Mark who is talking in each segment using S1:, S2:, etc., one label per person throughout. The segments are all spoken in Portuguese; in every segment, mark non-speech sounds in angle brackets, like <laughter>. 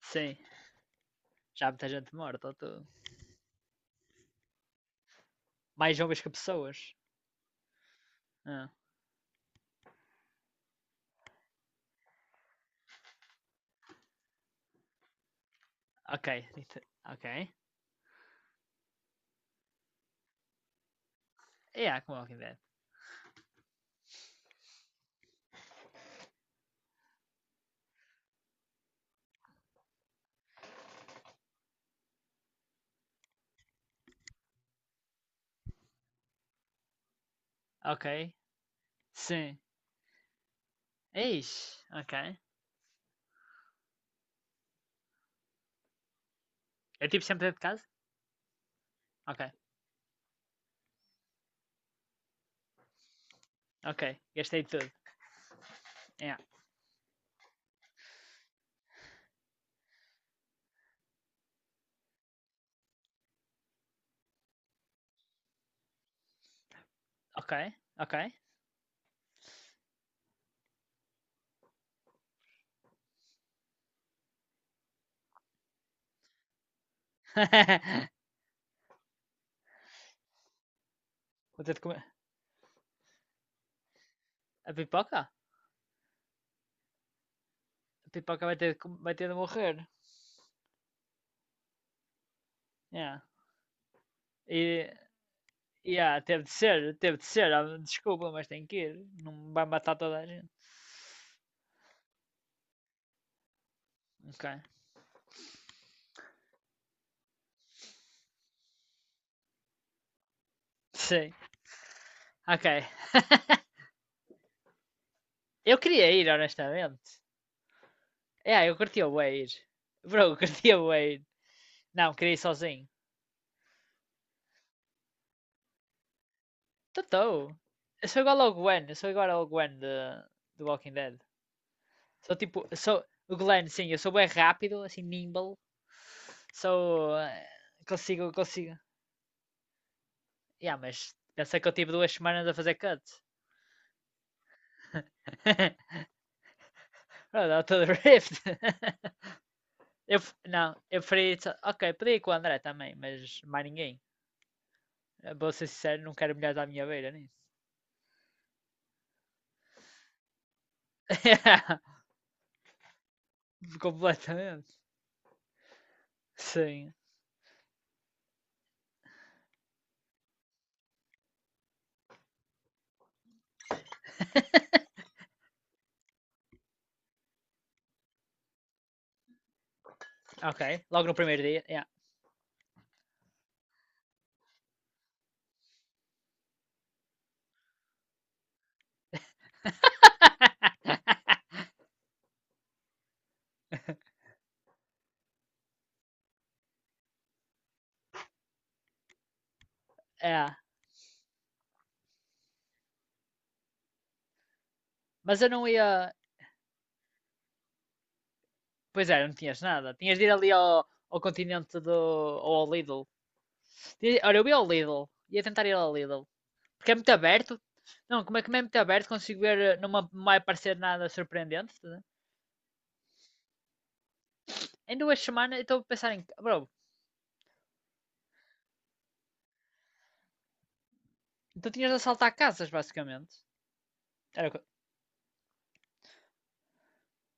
S1: Sim, já há muita gente morta. Mais zombies que pessoas. Ah, ok. Então, ok. É, yeah, como Walking Dead. Ok. Sim. Ixi, ok. É tipo sempre dentro de casa? Ok. Ok. Gastei tudo. Yeah. Ok. Ok. <laughs> Vou ter de comer. A pipoca? A pipoca vai ter de morrer. Yeah. E. Yeah, teve de ser, ah, desculpa, mas tem que ir. Não vai matar toda a gente. Ok. Sim. Ok. Eu queria ir, honestamente. Yeah, eu curtia o Wade. Bro, eu curtia o Wade. Não, queria ir sozinho. Totó. Eu sou igual ao Gwen. Eu sou igual ao Gwen de Walking Dead. Sou tipo. Sou, o Glenn, sim, eu sou bem rápido, assim, nimble. Sou. Consigo, consigo. Yeah, mas pensa que eu tive 2 semanas a fazer cut. <laughs> Bro, dá todo rift. <laughs> Eu, não, eu preferi. Ok, podia ir com o André também, mas mais ninguém. Eh, vou ser sincero, não quero mulheres à minha beira nisso. <laughs> Completamente. Sim. Ok. Logo no primeiro dia. Yeah. <laughs> É. Mas eu não ia. Pois é, não tinhas nada. Tinhas de ir ali ao Continente, do. Ou ao Lidl. Olha, eu ia ao Lidl. Ia tentar ir ao Lidl. Porque é muito aberto. Não, como é que é muito aberto? Consigo ver. Não me não vai parecer nada surpreendente, estás a ver? Em 2 semanas eu estou a pensar em. Bro, então tinhas de assaltar casas, basicamente. Era o que-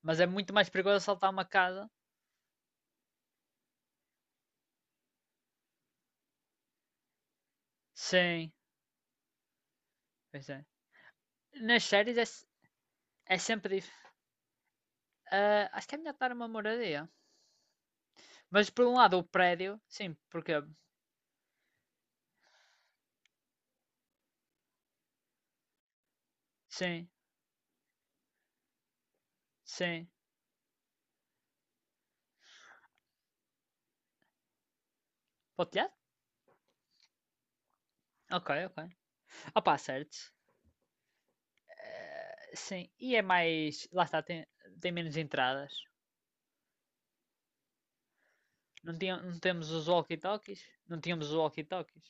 S1: Mas é muito mais perigoso assaltar uma casa. Sim, pois é. Nas séries é sempre. Ah, acho que é melhor estar numa moradia. Mas por um lado o prédio, sim, porque. Sim, sim. Para o telhado? Ok, ok. Opa, certo. Sim. E é mais. Lá está, tem menos entradas. Não, tinha, não temos os walkie-talkies? Não tínhamos os walkie-talkies.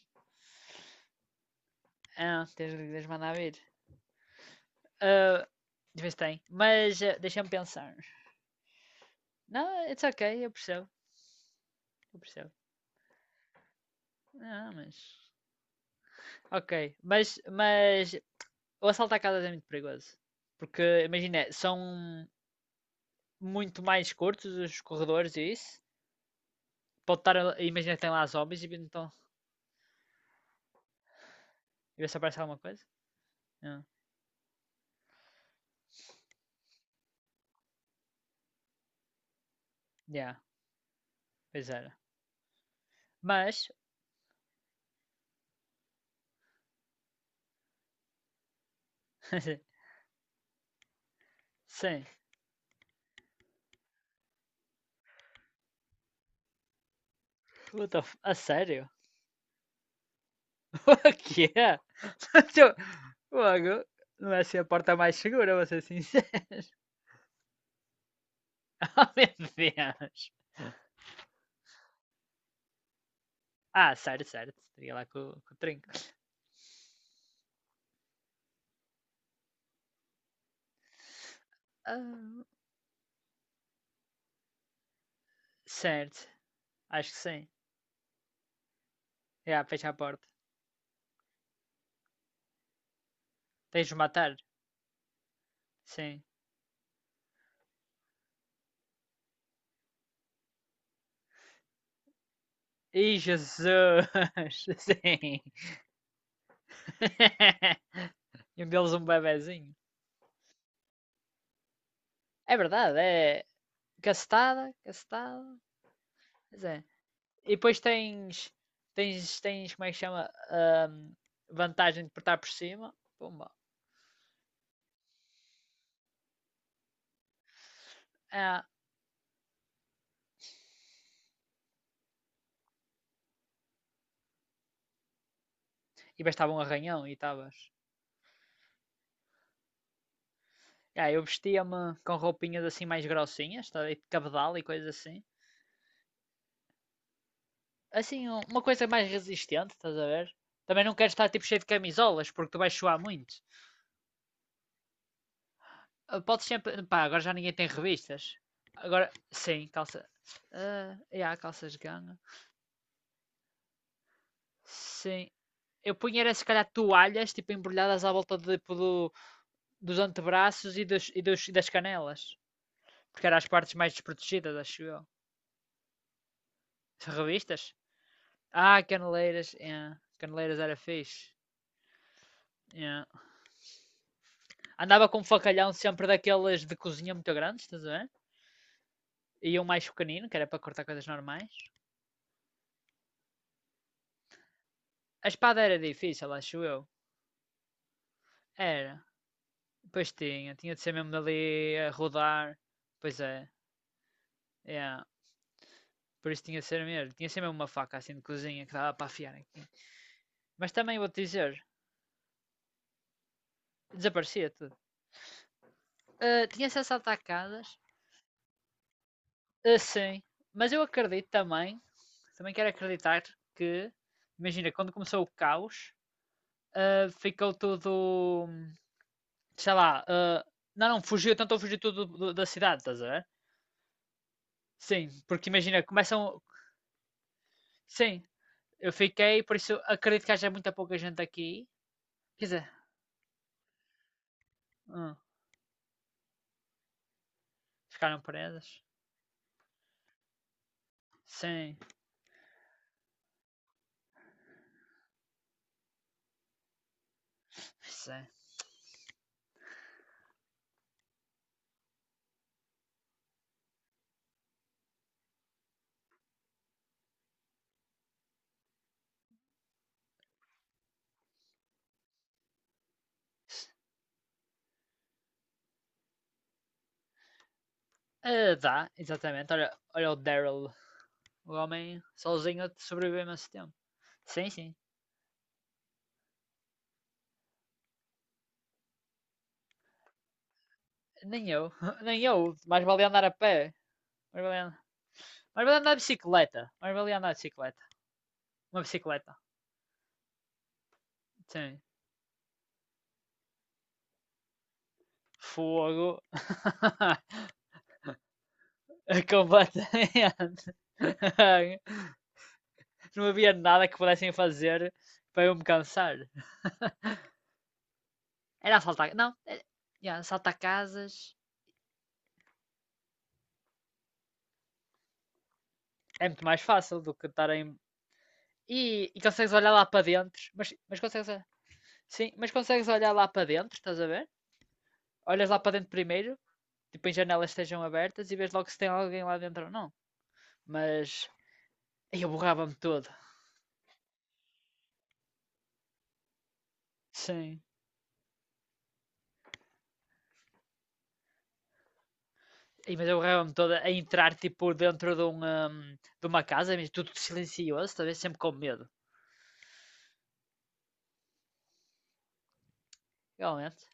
S1: Ah, tens de lhes mandar vir. Ah, de vez tem. Mas ah, deixa-me pensar. Não, it's ok, eu percebo. Eu percebo. Não, mas. Ok. Mas o assalto à casa é muito perigoso. Porque, imagina, são muito mais curtos os corredores e isso. Pode estar, imagina que tem lá zombies e então e ver se aparece alguma coisa. Ah, yeah, pois era. Mas, <laughs> sim. What the f- A sério? <laughs> O que é? <laughs> Logo, não é assim a porta mais segura, vou ser sincero. <laughs> Oh, meu Deus. Ah, certo, certo. Teria lá com o trinco. Ah, certo, acho que sim. Yeah, fecha a porta. Tens de matar? Sim. Ih, Jesus! Sim. <laughs> E um deles um bebezinho. É verdade, é castada, castada. Mas é. E depois tens, como é que chama? Vantagem de portar por cima. Pumba. Ah, e bastava um arranhão e estavas. Ah, eu vestia-me com roupinhas assim mais grossinhas, tá? E de cabedal e coisas assim. Assim, uma coisa mais resistente, estás a ver? Também não queres estar tipo cheio de camisolas, porque tu vais suar muito. Ah, podes sempre. Pá, agora já ninguém tem revistas. Agora, sim, calça. Ah, yeah, calças de ganga. Sim. Eu punha era se calhar toalhas, tipo, embrulhadas à volta tipo, dos antebraços e e das canelas. Porque eram as partes mais desprotegidas, acho eu. Revistas? Ah, caneleiras. Yeah. Caneleiras era fixe. Yeah. Andava com um facalhão sempre daqueles de cozinha muito grandes, estás a ver? E um mais pequenino, que era para cortar coisas normais. A espada era difícil, acho eu. Era. Pois tinha de ser mesmo dali a rodar. Pois é, yeah. Por isso tinha de ser mesmo. Tinha de ser mesmo uma faca assim de cozinha que dava para afiar aqui. Mas também vou-te dizer, desaparecia tudo. Ah, tinha-se as atacadas? Ah, sim. Mas eu acredito também, também quero acreditar que, imagina, quando começou o caos, ah, ficou tudo, sei lá, ah, não, não, fugiu, tentou fugir tudo da cidade, estás a ver? Sim, porque imagina, começam, sim. Eu fiquei, por isso acredito que haja muita pouca gente aqui. Quer dizer, hum, ficaram presas. Sim, sim. Ah, dá, exatamente. Olha, olha o Daryl, o homem sozinho sobreviveu esse tempo. Sim, sim. Nem eu, <laughs> nem eu. Mais vale andar a pé. Mais vale andar, mais vale andar de bicicleta. Mais vale andar de bicicleta. Uma bicicleta. Sim. Fogo. <laughs> Completamente. <laughs> Não havia nada que pudessem fazer para eu me cansar. Era assaltar. Não, é, yeah, assaltar casas é muito mais fácil do que estarem. E consegues olhar lá para dentro. Mas consegues. Sim, mas consegues olhar lá para dentro, estás a ver? Olhas lá para dentro primeiro, tipo em janelas estejam abertas e vês logo se tem alguém lá dentro ou não. Mas. Aí eu borrava-me todo. Sim. E, mas eu borrava-me toda a entrar tipo dentro de uma casa, mas tudo silencioso, talvez sempre com medo. Realmente.